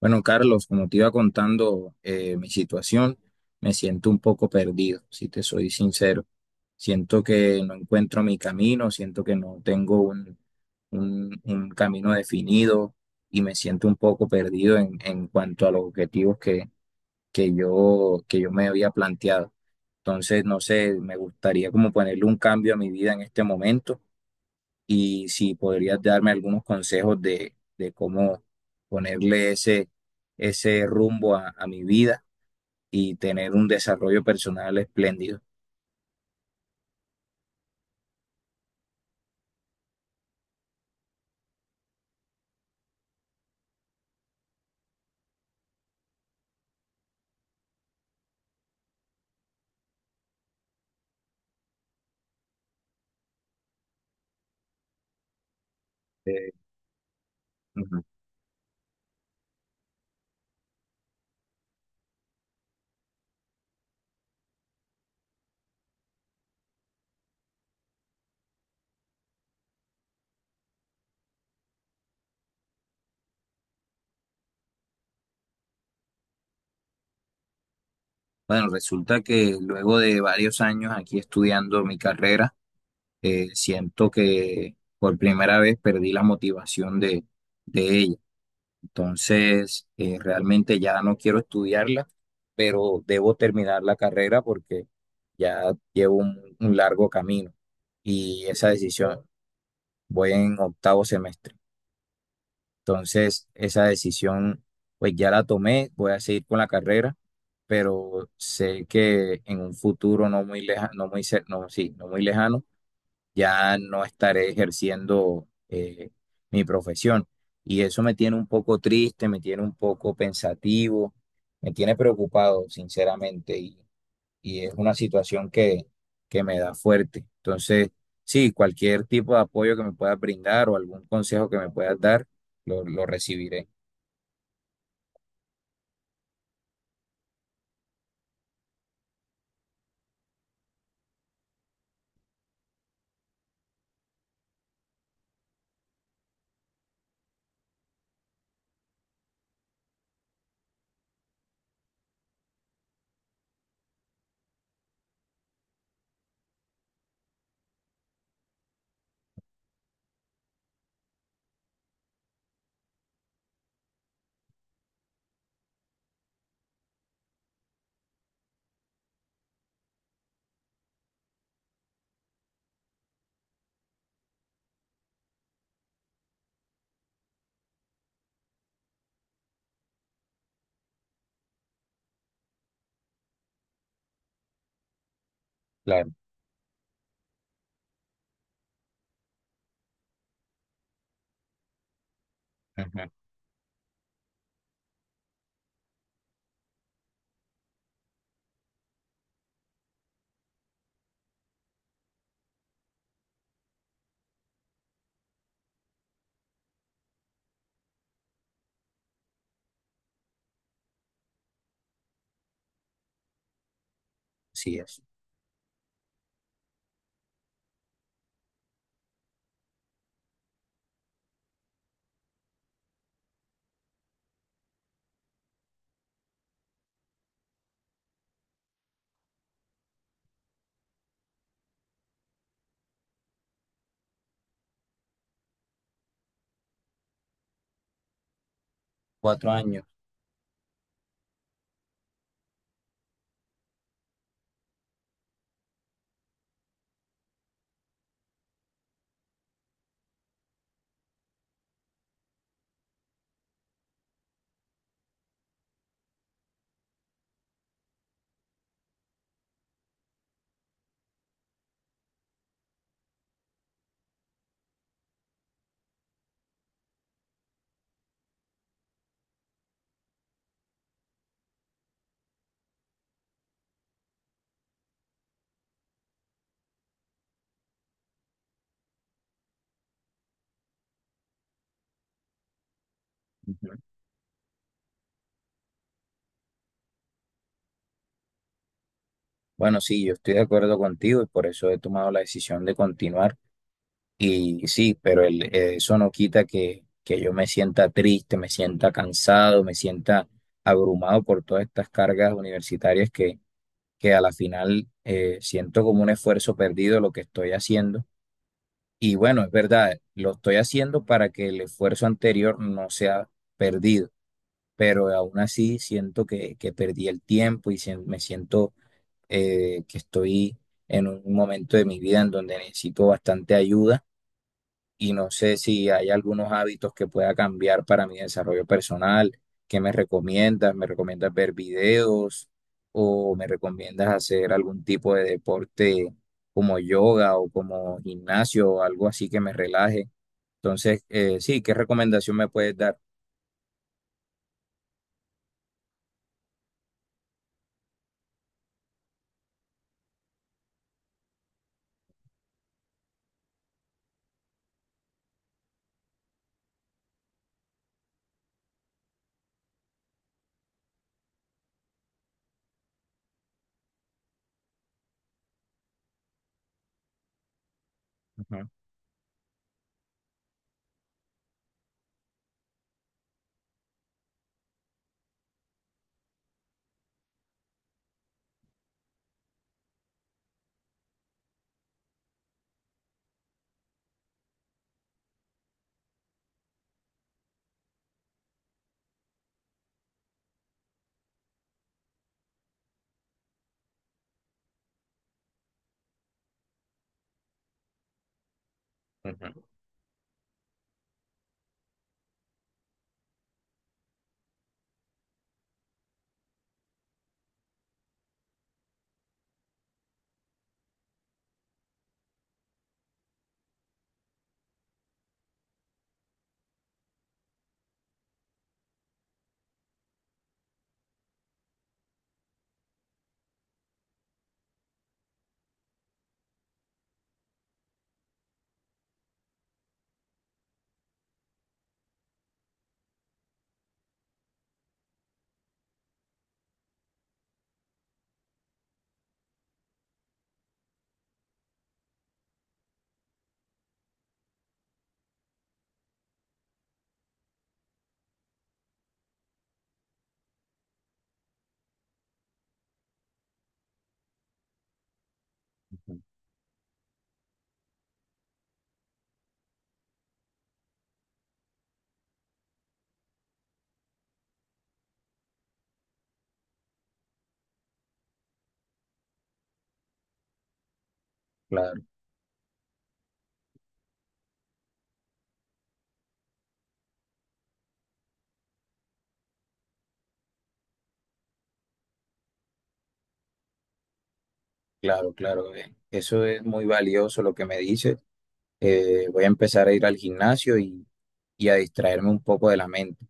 Bueno, Carlos, como te iba contando mi situación, me siento un poco perdido, si te soy sincero. Siento que no encuentro mi camino, siento que no tengo un camino definido y me siento un poco perdido en cuanto a los objetivos que yo me había planteado. Entonces, no sé, me gustaría como ponerle un cambio a mi vida en este momento y si podrías darme algunos consejos de cómo ponerle ese rumbo a mi vida y tener un desarrollo personal espléndido. Eh, ujú. Bueno, resulta que luego de varios años aquí estudiando mi carrera, siento que por primera vez perdí la motivación de ella. Entonces, realmente ya no quiero estudiarla, pero debo terminar la carrera porque ya llevo un largo camino y esa decisión, voy en octavo semestre. Entonces, esa decisión, pues ya la tomé, voy a seguir con la carrera, pero sé que en un futuro no muy lejano, no, sí, no muy lejano, ya no estaré ejerciendo mi profesión. Y eso me tiene un poco triste, me tiene un poco pensativo, me tiene preocupado, sinceramente, y es una situación que me da fuerte. Entonces, sí, cualquier tipo de apoyo que me puedas brindar o algún consejo que me puedas dar, lo recibiré. Claro. Ujú. Así es. Cuatro años. Ujú. Bueno, sí, yo estoy de acuerdo contigo y por eso he tomado la decisión de continuar. Y sí, pero eso no quita que yo me sienta triste, me sienta cansado, me sienta abrumado por todas estas cargas universitarias que a la final siento como un esfuerzo perdido lo que estoy haciendo. Y bueno, es verdad, lo estoy haciendo para que el esfuerzo anterior no sea perdido, pero aún así siento que perdí el tiempo y me siento que estoy en un momento de mi vida en donde necesito bastante ayuda y no sé si hay algunos hábitos que pueda cambiar para mi desarrollo personal. ¿Qué me recomiendas? ¿Me recomiendas ver videos o me recomiendas hacer algún tipo de deporte como yoga o como gimnasio o algo así que me relaje? Entonces, sí, ¿qué recomendación me puedes dar? Ujú, ujú, ujú. Claro, claro, claro. Eso es muy valioso lo que me dices. Voy a empezar a ir al gimnasio y a distraerme un poco de la mente.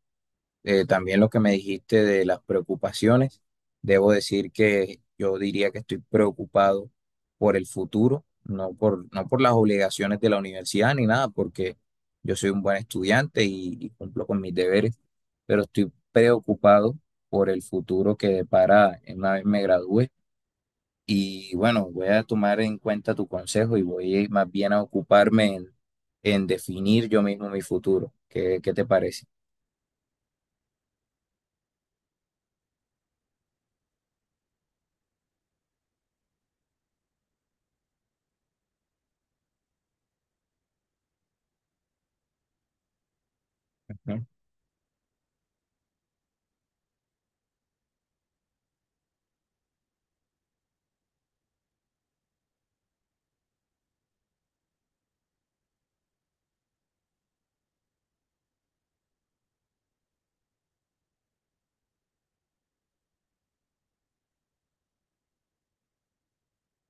También lo que me dijiste de las preocupaciones, debo decir que yo diría que estoy preocupado por el futuro, no por las obligaciones de la universidad ni nada, porque yo soy un buen estudiante y cumplo con mis deberes, pero estoy preocupado por el futuro que depara una vez me gradúe. Y bueno, voy a tomar en cuenta tu consejo y voy más bien a ocuparme en definir yo mismo mi futuro. ¿Qué, qué te parece? ¿No?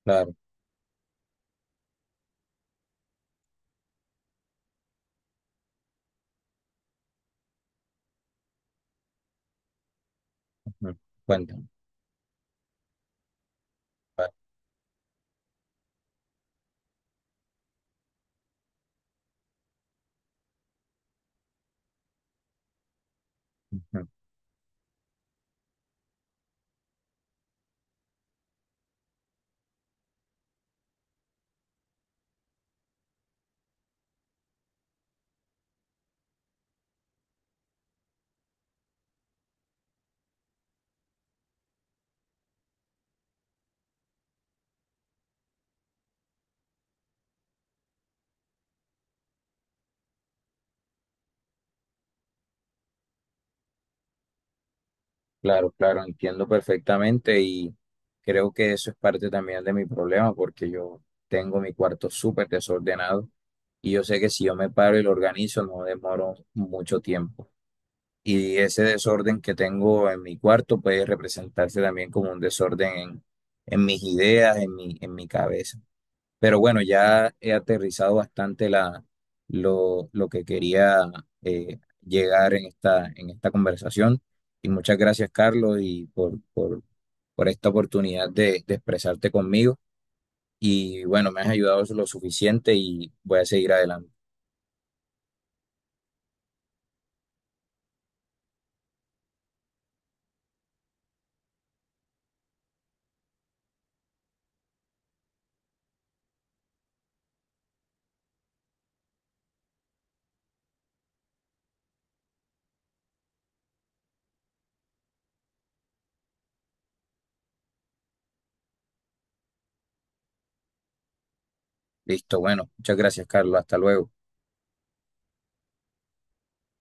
Claro. Mm. Cuéntame. Vale. Ujú. Claro, claro, entiendo perfectamente y creo que eso es parte también de mi problema porque yo tengo mi cuarto súper desordenado y yo sé que si yo me paro y lo organizo no demoro mucho tiempo. Y ese desorden que tengo en mi cuarto puede representarse también como un desorden en mis ideas, en mi cabeza. Pero bueno, ya he aterrizado bastante lo que quería llegar en en esta conversación. Y muchas gracias, Carlos, por esta oportunidad de expresarte conmigo. Y bueno, me has ayudado lo suficiente y voy a seguir adelante. Listo, bueno, muchas gracias, Carlos. Hasta luego.